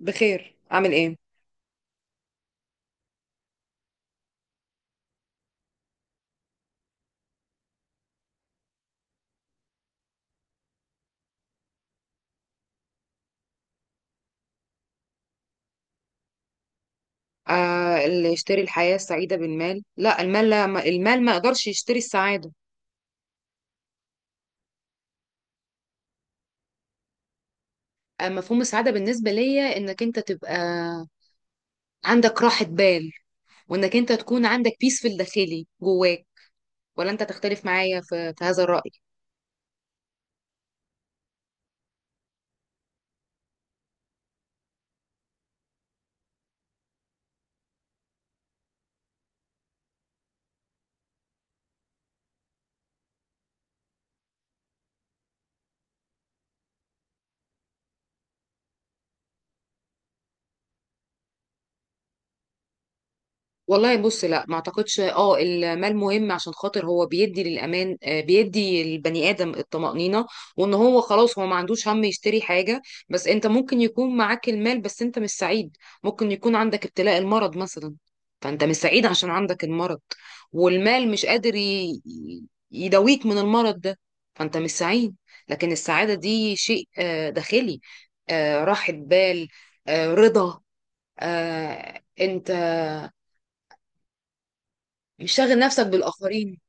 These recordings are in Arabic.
بخير. اعمل ايه؟ اللي يشتري الحياة السعيدة بالمال، لا المال ما يقدرش يشتري السعادة. مفهوم السعادة بالنسبة ليا انك انت تبقى عندك راحة بال، وانك انت تكون عندك بيس في الداخلي جواك. ولا انت تختلف معايا في هذا الرأي؟ والله بص، لا ما اعتقدش. اه المال مهم عشان خاطر هو بيدي للامان، بيدي البني ادم الطمأنينة. وان هو خلاص هو ما عندوش هم يشتري حاجة. بس انت ممكن يكون معاك المال بس انت مش سعيد. ممكن يكون عندك ابتلاء المرض مثلا، فانت مش سعيد عشان عندك المرض. والمال مش قادر يداويك من المرض ده، فانت مش سعيد. لكن السعادة دي شيء داخلي. راحة بال. رضا. انت مش شاغل نفسك بالآخرين.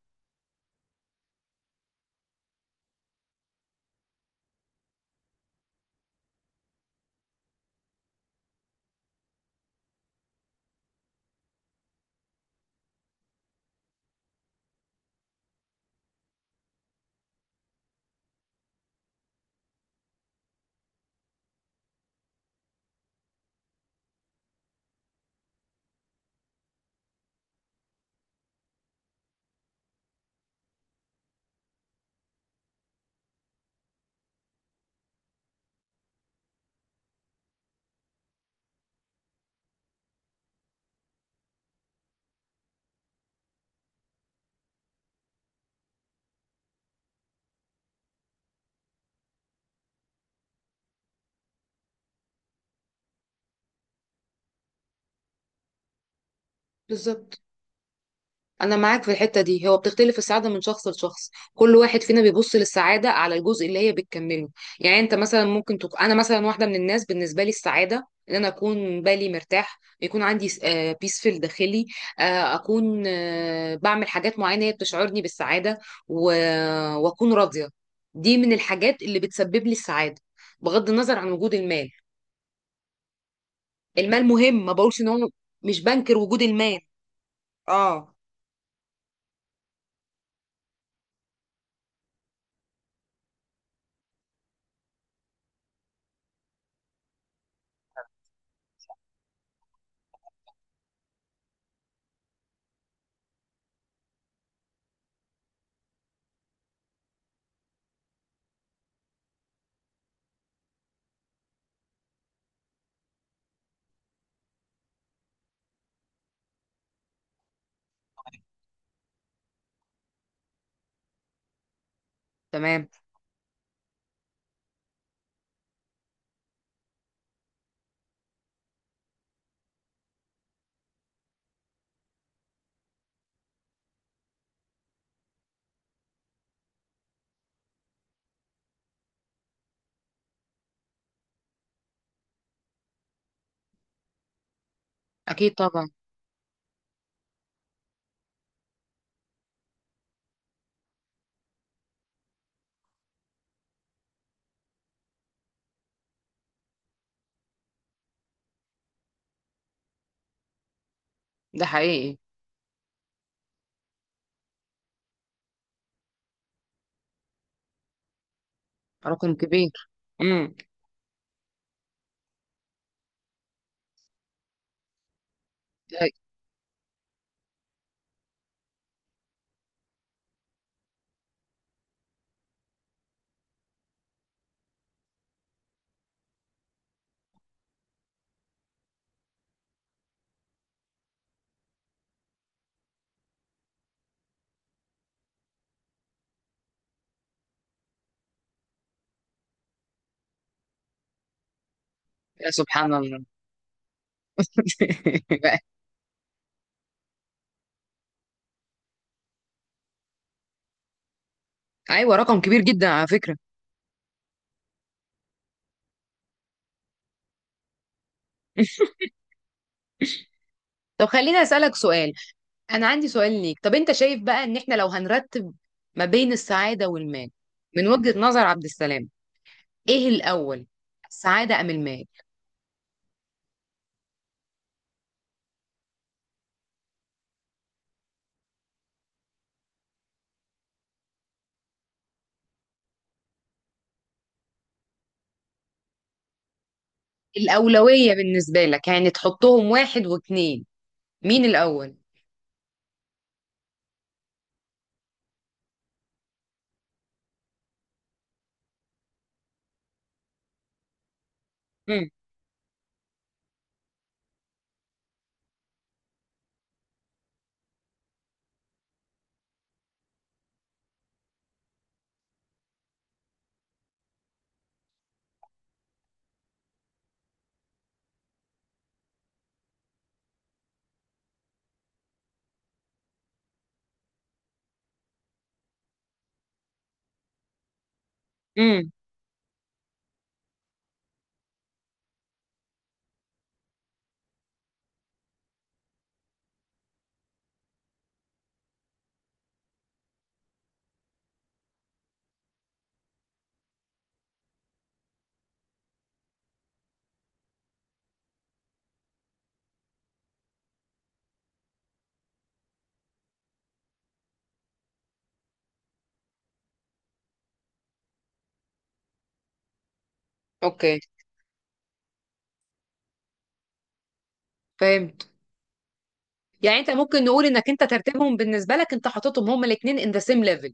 بالظبط. أنا معاك في الحتة دي، هو بتختلف السعادة من شخص لشخص، كل واحد فينا بيبص للسعادة على الجزء اللي هي بتكمله. يعني أنت مثلا ممكن أنا مثلا واحدة من الناس، بالنسبة لي السعادة إن أنا أكون بالي مرتاح، يكون عندي بيسفل داخلي. أكون بعمل حاجات معينة هي بتشعرني بالسعادة و... وأكون راضية. دي من الحاجات اللي بتسبب لي السعادة بغض النظر عن وجود المال. المال مهم، ما بقولش إن هو مش بنكر وجود المال. اه. تمام. أكيد طبعا. ده حقيقي. رقم كبير. امم. يا سبحان الله. بقى. أيوة، رقم كبير جدا على فكرة. طب خليني أسألك سؤال. أنا عندي سؤال ليك. طب أنت شايف بقى إن إحنا لو هنرتب ما بين السعادة والمال، من وجهة نظر عبد السلام، إيه الأول؟ السعادة أم المال؟ الأولوية بالنسبة لك، يعني تحطهم واحد واتنين، مين الأول؟ امم. امم. أوكي. فاهم. يعني انت ممكن نقول انك انت ترتيبهم بالنسبه لك، انت حاططهم هما الاثنين ان ذا سيم ليفل.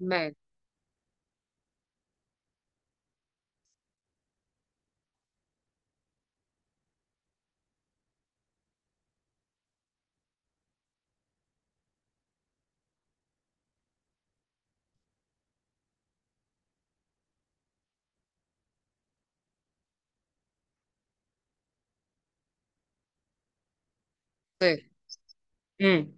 تمام. فاهم. امم.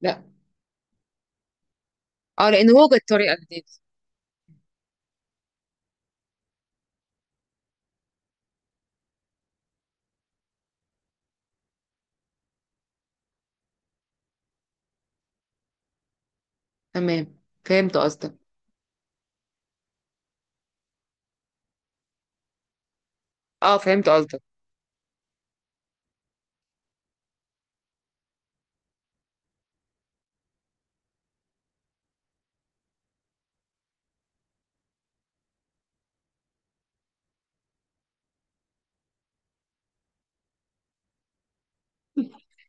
لا. اه، لان هو جت طريقه جديده. تمام. فهمت قصدك. اه فهمت قصدك.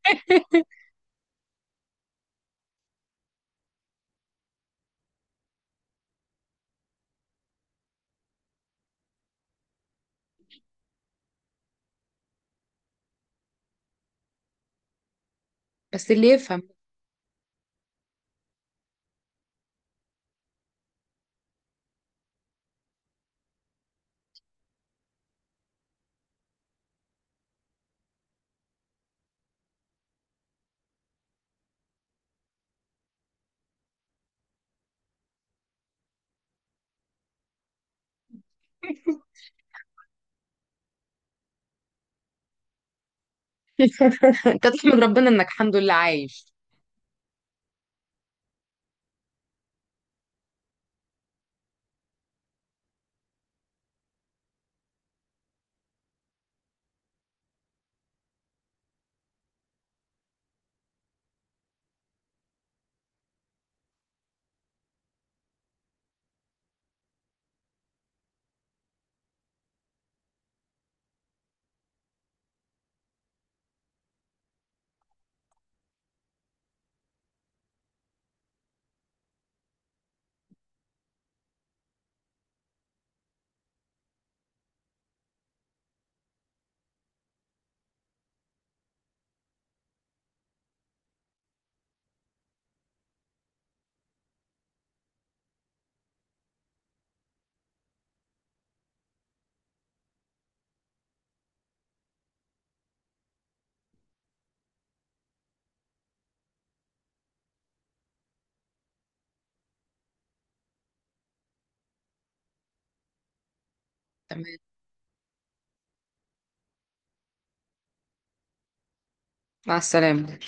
بس اللي يفهم. انت تحمد ربنا انك الحمد لله عايش. تمام. مع السلامه.